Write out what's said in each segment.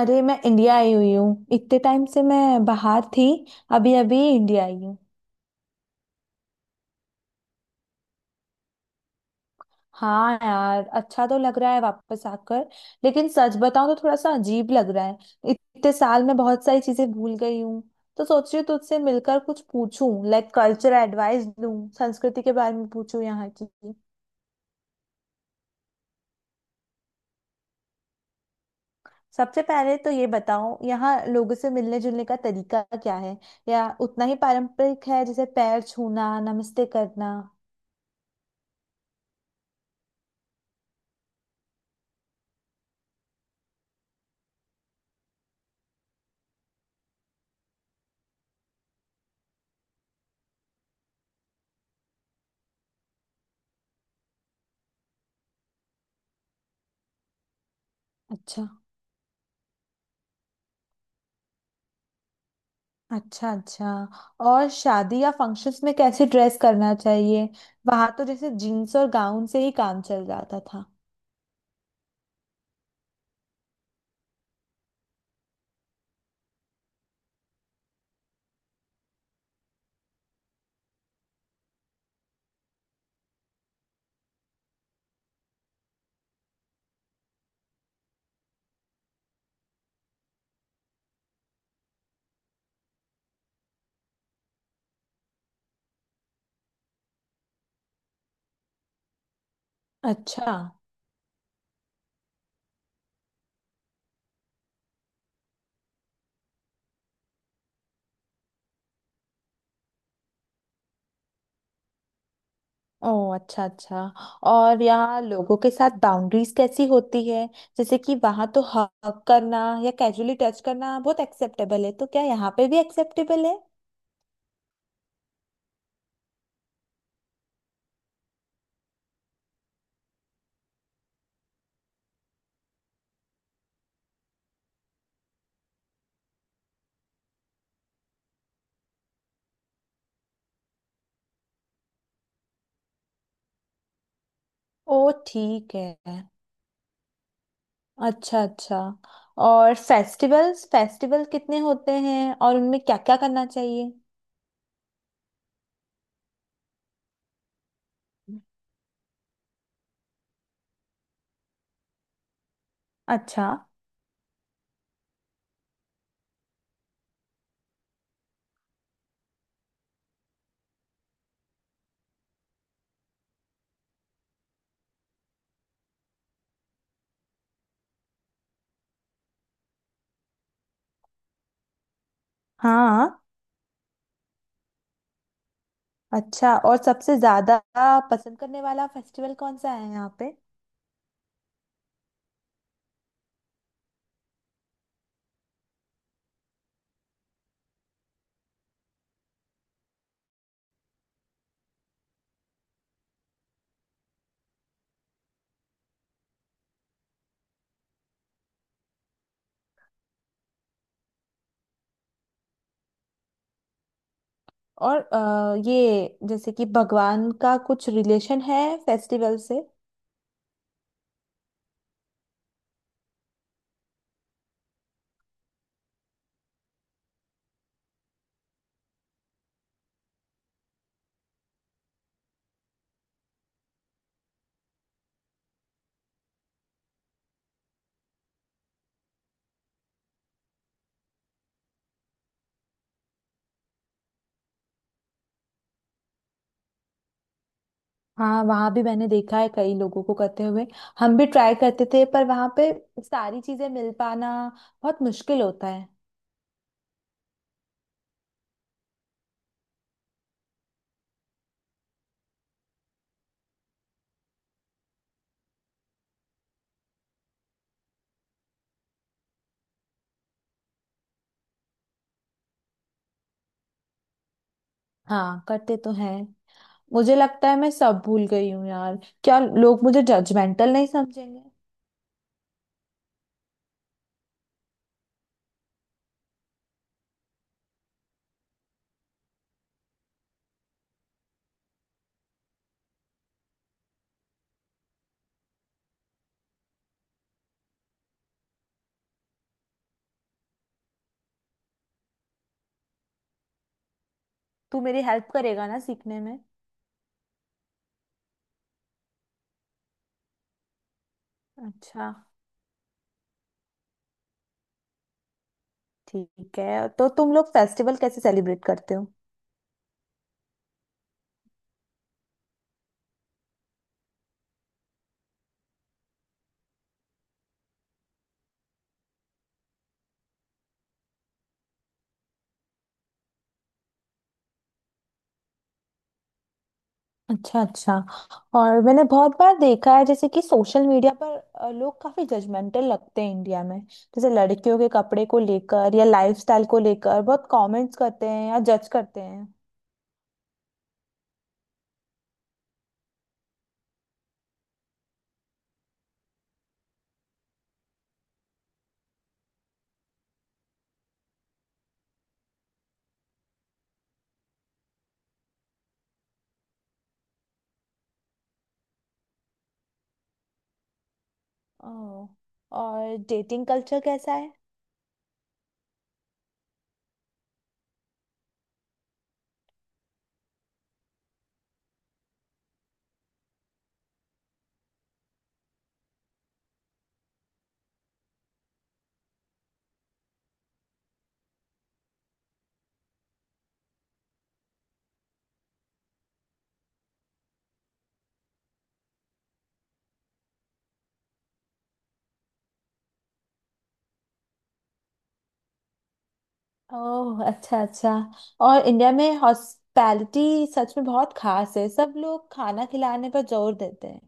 अरे मैं इंडिया आई हुई हूँ, इतने टाइम से मैं बाहर थी। अभी अभी इंडिया आई हूँ। हाँ यार, अच्छा तो लग रहा है वापस आकर। लेकिन सच बताऊँ तो थोड़ा सा अजीब लग रहा है। इतने साल में बहुत सारी चीजें भूल गई हूँ। तो सोच रही हूँ तुझसे मिलकर कुछ पूछूं, लाइक कल्चरल एडवाइस दूं, संस्कृति के बारे में पूछूं यहाँ की। सबसे पहले तो ये बताओ, यहाँ लोगों से मिलने जुलने का तरीका क्या है? या उतना ही पारंपरिक है जैसे पैर छूना, नमस्ते करना? अच्छा। अच्छा अच्छा। और शादी या फंक्शंस में कैसे ड्रेस करना चाहिए? वहां तो जैसे जीन्स और गाउन से ही काम चल जाता था। अच्छा। ओ अच्छा अच्छा। और यहाँ लोगों के साथ बाउंड्रीज कैसी होती है? जैसे कि वहां तो हग करना या कैजुअली टच करना बहुत एक्सेप्टेबल है, तो क्या यहाँ पे भी एक्सेप्टेबल है? ओ ठीक है। अच्छा अच्छा। और फेस्टिवल्स, फेस्टिवल कितने होते हैं और उनमें क्या क्या करना चाहिए? अच्छा। हाँ। अच्छा, और सबसे ज्यादा पसंद करने वाला फेस्टिवल कौन सा है यहाँ पे? और ये जैसे कि भगवान का कुछ रिलेशन है फेस्टिवल से? हाँ, वहाँ भी मैंने देखा है कई लोगों को करते हुए। हम भी ट्राई करते थे, पर वहाँ पे सारी चीजें मिल पाना बहुत मुश्किल होता है। हाँ, करते तो हैं। मुझे लगता है मैं सब भूल गई हूँ यार। क्या लोग मुझे जजमेंटल नहीं समझेंगे? तू मेरी हेल्प करेगा ना सीखने में? अच्छा, ठीक है। तो तुम लोग फेस्टिवल कैसे सेलिब्रेट करते हो? अच्छा अच्छा। और मैंने बहुत बार देखा है, जैसे कि सोशल मीडिया पर लोग काफी जजमेंटल लगते हैं इंडिया में, जैसे लड़कियों के कपड़े को लेकर या लाइफस्टाइल को लेकर बहुत कमेंट्स करते हैं या जज करते हैं। ओह, और डेटिंग कल्चर कैसा है? ओह अच्छा अच्छा। और इंडिया में हॉस्पिटैलिटी सच में बहुत खास है, सब लोग खाना खिलाने पर जोर देते हैं।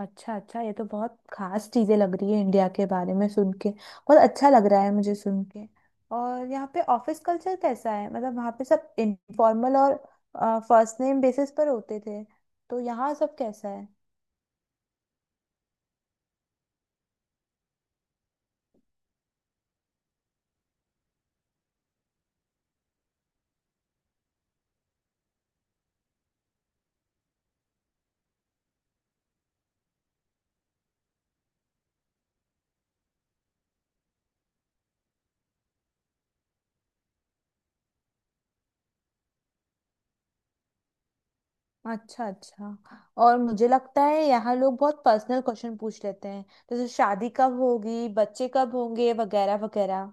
अच्छा अच्छा, ये तो बहुत खास चीजें लग रही है इंडिया के बारे में, सुन के बहुत अच्छा लग रहा है मुझे, सुन के। और यहाँ पे ऑफिस कल्चर कैसा है? मतलब वहाँ पे सब इनफॉर्मल और फर्स्ट नेम बेसिस पर होते थे, तो यहाँ सब कैसा है? अच्छा अच्छा। और मुझे लगता है यहाँ लोग बहुत पर्सनल क्वेश्चन पूछ लेते हैं, जैसे शादी कब होगी, बच्चे कब होंगे, वगैरह वगैरह।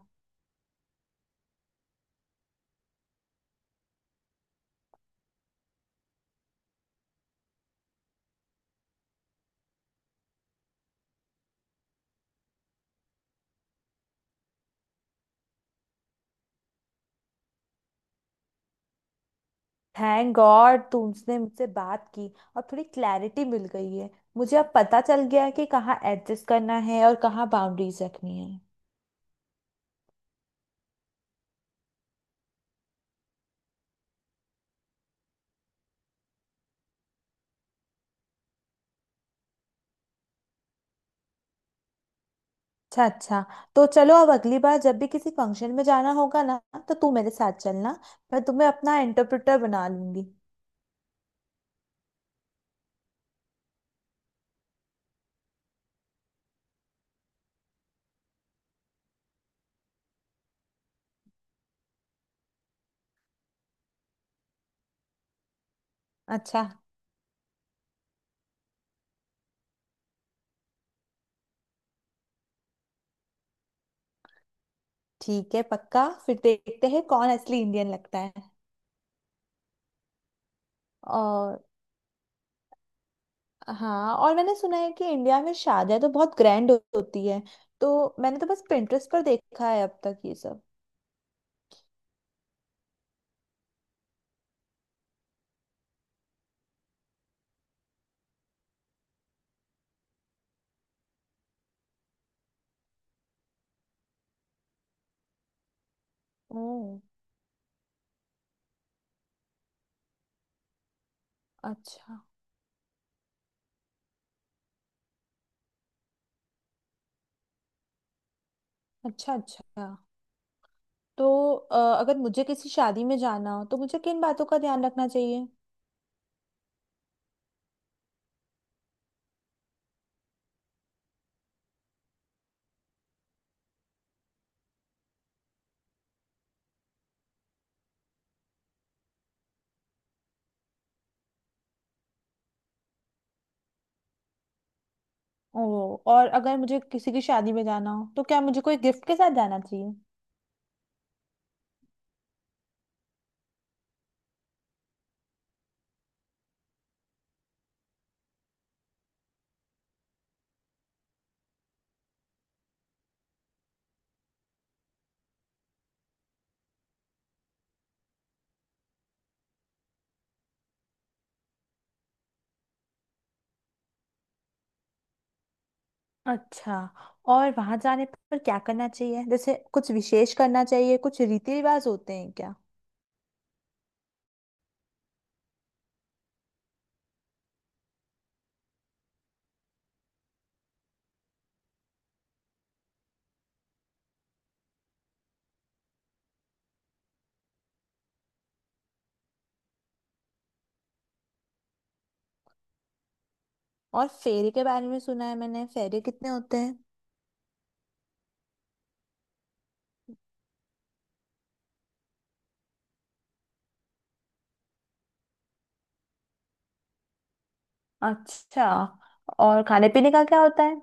थैंक गॉड तुमने मुझसे बात की और थोड़ी क्लैरिटी मिल गई है। मुझे अब पता चल गया है कि कहाँ एडजस्ट करना है और कहाँ बाउंड्रीज रखनी है। अच्छा अच्छा। तो चलो अब अगली बार जब भी किसी फंक्शन में जाना होगा ना, तो तू मेरे साथ चलना, मैं तुम्हें अपना इंटरप्रेटर बना लूंगी। अच्छा, ठीक है, पक्का। फिर देखते हैं कौन असली इंडियन लगता है। और हाँ, और मैंने सुना है कि इंडिया में शादियां तो बहुत ग्रैंड होती है। तो मैंने तो बस पिंटरेस्ट पर देखा है अब तक ये सब। ओह, अच्छा अच्छा। अच्छा, तो अगर मुझे किसी शादी में जाना हो तो मुझे किन बातों का ध्यान रखना चाहिए? ओ, और अगर मुझे किसी की शादी में जाना हो तो क्या मुझे कोई गिफ्ट के साथ जाना चाहिए? अच्छा। और वहां जाने पर क्या करना चाहिए? जैसे कुछ विशेष करना चाहिए? कुछ रीति रिवाज होते हैं क्या? और फेरे के बारे में सुना है मैंने, फेरे कितने होते हैं? अच्छा। और खाने पीने का क्या होता है?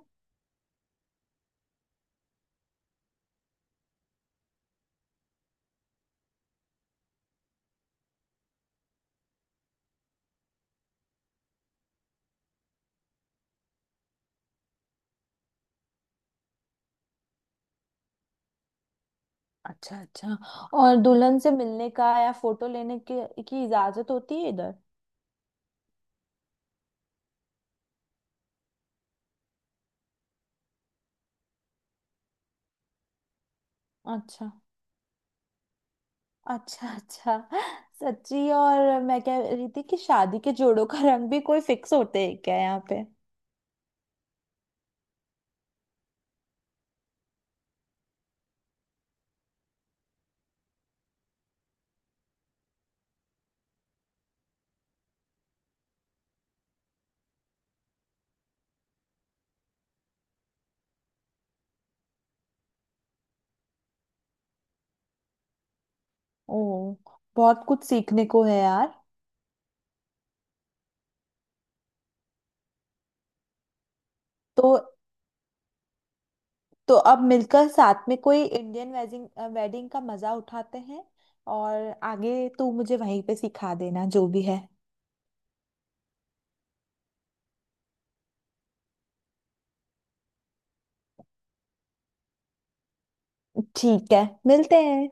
अच्छा अच्छा। और दुल्हन से मिलने का या फोटो लेने के की इजाजत होती है इधर? अच्छा अच्छा अच्छा। सच्ची, और मैं कह रही थी कि शादी के जोड़ों का रंग भी कोई फिक्स होते हैं क्या यहाँ पे? ओ, बहुत कुछ सीखने को है यार। तो तो अब मिलकर साथ में कोई इंडियन वेडिंग वेडिंग का मजा उठाते हैं। और आगे तू मुझे वहीं पे सिखा देना जो भी है। ठीक है, मिलते हैं।